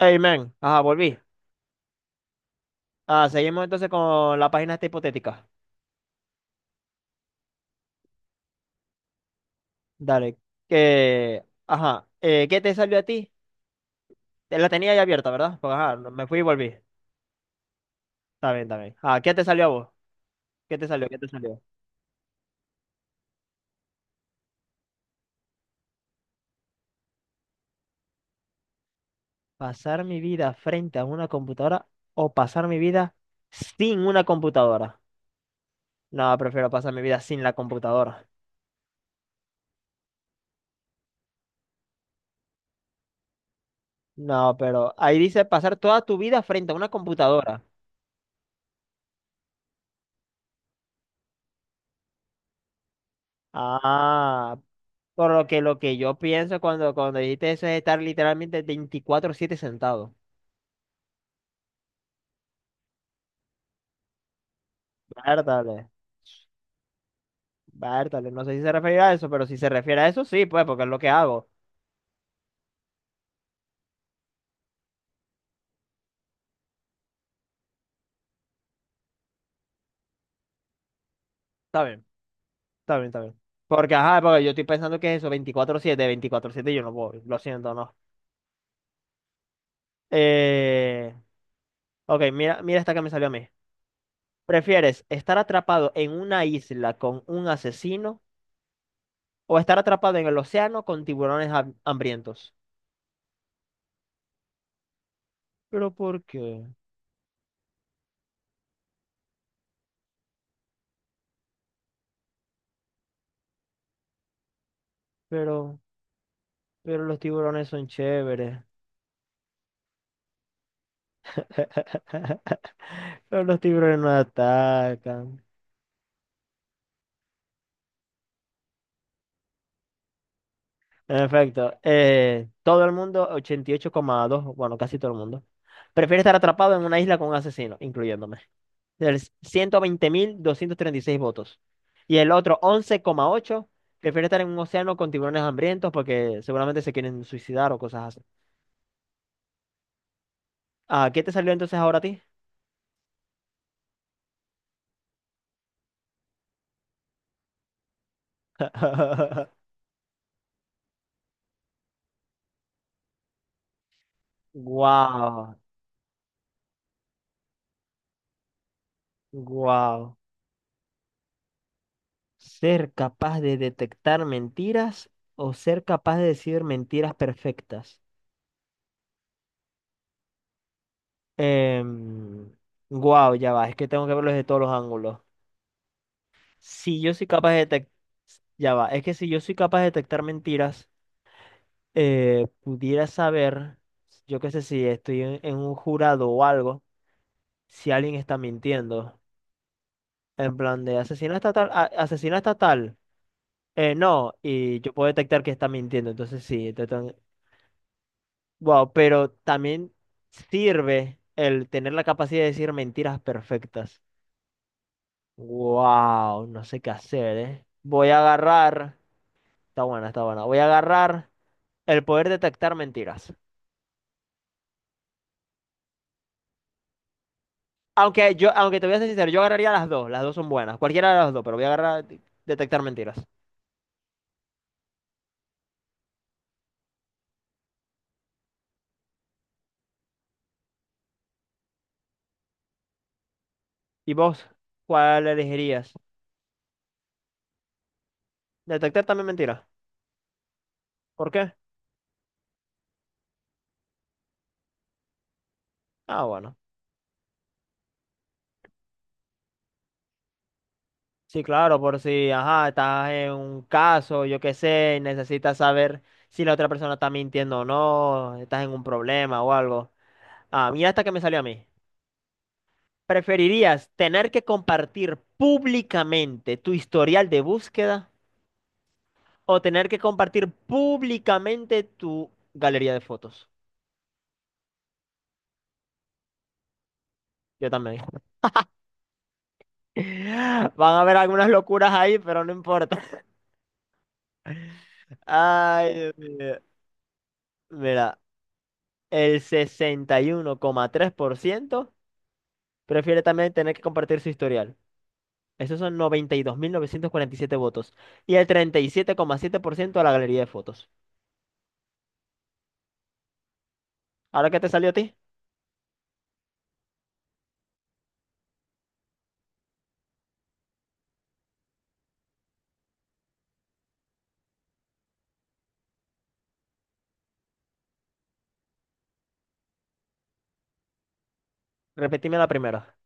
Hey, man. Ajá, volví. Ah, seguimos entonces con la página esta hipotética. Dale. Que, ajá. ¿Qué te salió a ti? Te la tenía ya abierta, ¿verdad? Porque, ajá, me fui y volví. Está bien, está bien. Ah, ¿qué te salió a vos? ¿Qué te salió? ¿Qué te salió? ¿Pasar mi vida frente a una computadora o pasar mi vida sin una computadora? No, prefiero pasar mi vida sin la computadora. No, pero ahí dice pasar toda tu vida frente a una computadora. Ah, por lo que yo pienso cuando dijiste eso es estar literalmente 24/7 sentado. Bártale, bártale. No sé si se refiere a eso, pero si se refiere a eso, sí, pues, porque es lo que hago. Está bien, está bien, está bien. Porque, ajá, porque yo estoy pensando que es eso, 24/7 24/7 yo no voy, lo siento, no. Eh, ok, mira, mira esta que me salió a mí. ¿Prefieres estar atrapado en una isla con un asesino o estar atrapado en el océano con tiburones hambrientos? ¿Pero por qué? Pero... Pero los tiburones son chéveres. Pero los tiburones no atacan. En efecto, todo el mundo, 88,2, bueno, casi todo el mundo, prefiere estar atrapado en una isla con un asesino, incluyéndome. Del 120.236 votos. Y el otro 11,8 prefiere estar en un océano con tiburones hambrientos porque seguramente se quieren suicidar o cosas así. Ah, ¿qué te salió entonces ahora a ti? Wow, wow. ¿Ser capaz de detectar mentiras o ser capaz de decir mentiras perfectas? Em, Guau, ya va, es que tengo que verlo desde todos los ángulos. Si yo soy capaz de detectar, ya va, es que si yo soy capaz de detectar mentiras, pudiera saber, yo qué sé, si estoy en un jurado o algo, si alguien está mintiendo. En plan de asesina estatal, asesina estatal. No, y yo puedo detectar que está mintiendo, entonces sí. Wow, pero también sirve el tener la capacidad de decir mentiras perfectas. Wow, no sé qué hacer, ¿eh? Voy a agarrar, está buena, está buena. Voy a agarrar el poder detectar mentiras. Aunque te voy a ser sincero, yo agarraría las dos son buenas, cualquiera de las dos, pero voy a agarrar detectar mentiras. ¿Y vos? ¿Cuál elegirías? Detectar también mentiras. ¿Por qué? Ah, bueno. Sí, claro, por si, ajá, estás en un caso, yo qué sé, y necesitas saber si la otra persona está mintiendo o no, estás en un problema o algo. Ah, mira hasta que me salió a mí. ¿Preferirías tener que compartir públicamente tu historial de búsqueda o tener que compartir públicamente tu galería de fotos? Yo también. Van a haber algunas locuras ahí, pero no importa. Ay, Dios mío. Mira, el 61,3% prefiere también tener que compartir su historial. Esos son noventa y dos mil novecientos cuarenta y siete votos. Y el treinta y siete coma siete por ciento a la galería de fotos. ¿Ahora qué te salió a ti? Repetime la primera.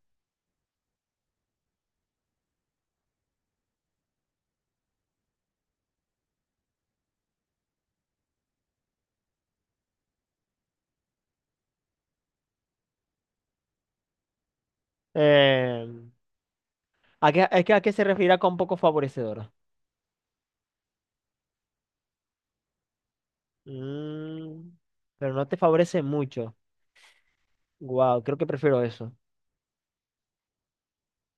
Eh, ¿A qué, es que a qué se referirá con poco favorecedor? Mm, pero no te favorece mucho. Wow, creo que prefiero eso.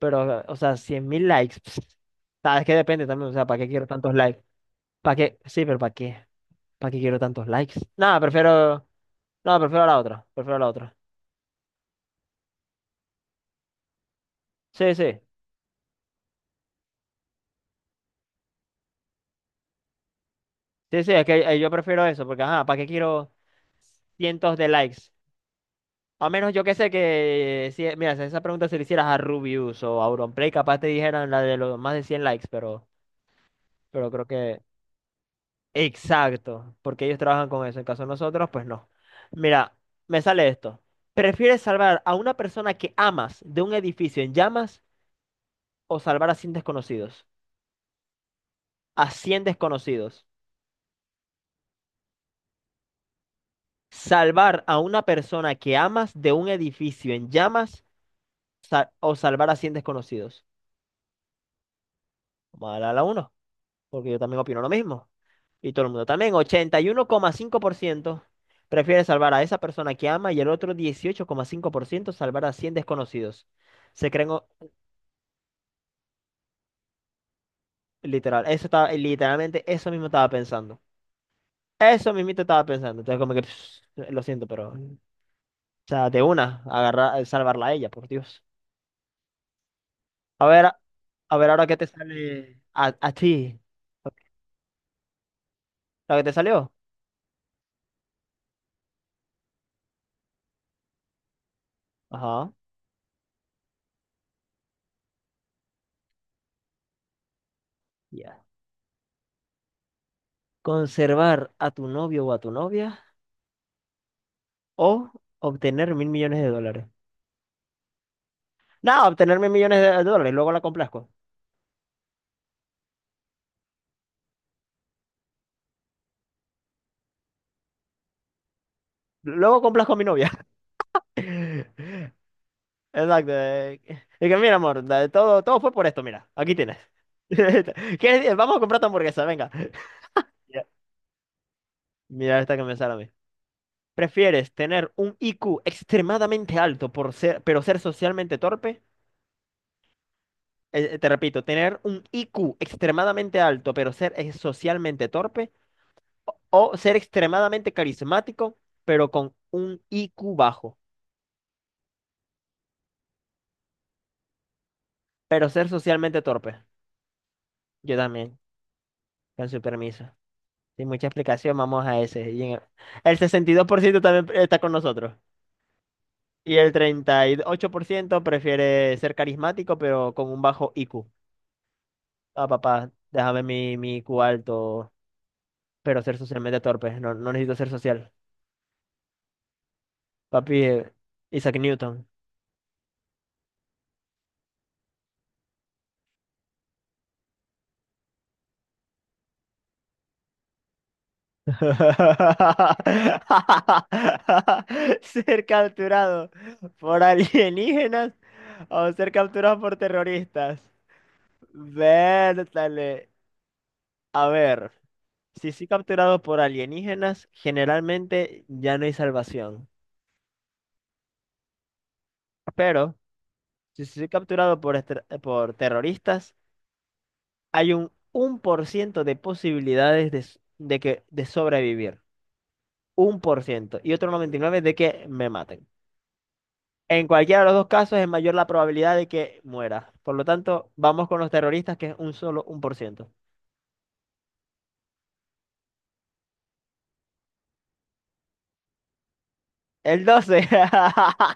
Pero, o sea, 100.000 likes. Pss, sabes que depende también. O sea, ¿para qué quiero tantos likes? ¿Para qué? Sí, pero ¿para qué? ¿Para qué quiero tantos likes? Nada, prefiero. No, prefiero la otra. Prefiero la otra. Sí, sí. Sí, sí, es que yo prefiero eso, porque, ajá, ¿para qué quiero cientos de likes? A menos yo que sé que, si, mira, si esa pregunta se le hicieras a Rubius o a Auronplay, capaz te dijeran la de los más de 100 likes, pero creo que... Exacto, porque ellos trabajan con eso. En caso de nosotros, pues no. Mira, me sale esto. ¿Prefieres salvar a una persona que amas de un edificio en llamas o salvar a cien desconocidos? A 100 desconocidos. ¿Salvar a una persona que amas de un edificio en llamas? O salvar a 100 desconocidos. Vamos a darle a la uno porque yo también opino lo mismo. Y todo el mundo también. 81,5% prefiere salvar a esa persona que ama y el otro 18,5% salvar a 100 desconocidos. Se creen o- literal. Eso estaba, literalmente, eso mismo estaba pensando. Eso mismito estaba pensando. Entonces, como que, pss, lo siento, pero. O sea, de una, agarrar, salvarla a ella, por Dios. A ver, a ver ahora qué te sale a ti. Ok, ¿lo que te salió? Ajá. Ya conservar a tu novio o a tu novia o obtener mil millones de dólares. No, obtener mil millones de dólares, luego la complazco. Luego complazco a mi novia. Exacto. Es que mira, amor, todo fue por esto, mira, aquí tienes. Vamos a comprar tu hamburguesa, venga. Ya, mira esta que me sale a mí. ¿Prefieres tener un IQ extremadamente alto pero ser socialmente torpe? Te repito, tener un IQ extremadamente alto pero ser socialmente torpe. O ser extremadamente carismático, pero con un IQ bajo, pero ser socialmente torpe. Yo también, con su permiso. Sin mucha explicación, vamos a ese. Y en el 62% también está con nosotros. Y el 38% prefiere ser carismático, pero con un bajo IQ. Ah, papá, déjame mi IQ alto, pero ser socialmente torpe. No, no necesito ser social. Papi, Isaac Newton. Ser capturado por alienígenas o ser capturado por terroristas. Vértale. A ver, si soy capturado por alienígenas, generalmente ya no hay salvación. Pero si soy capturado por terroristas, hay un por ciento de posibilidades de, s- de que, de sobrevivir. Un por ciento. Y otro 99% de que me maten. En cualquiera de los dos casos es mayor la probabilidad de que muera. Por lo tanto, vamos con los terroristas, que es un solo un por ciento. El 12.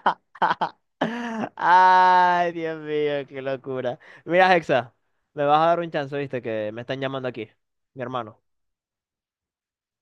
Ay, Dios mío, qué locura. Mira, Hexa, me vas a dar un chance, viste, que me están llamando aquí, mi hermano.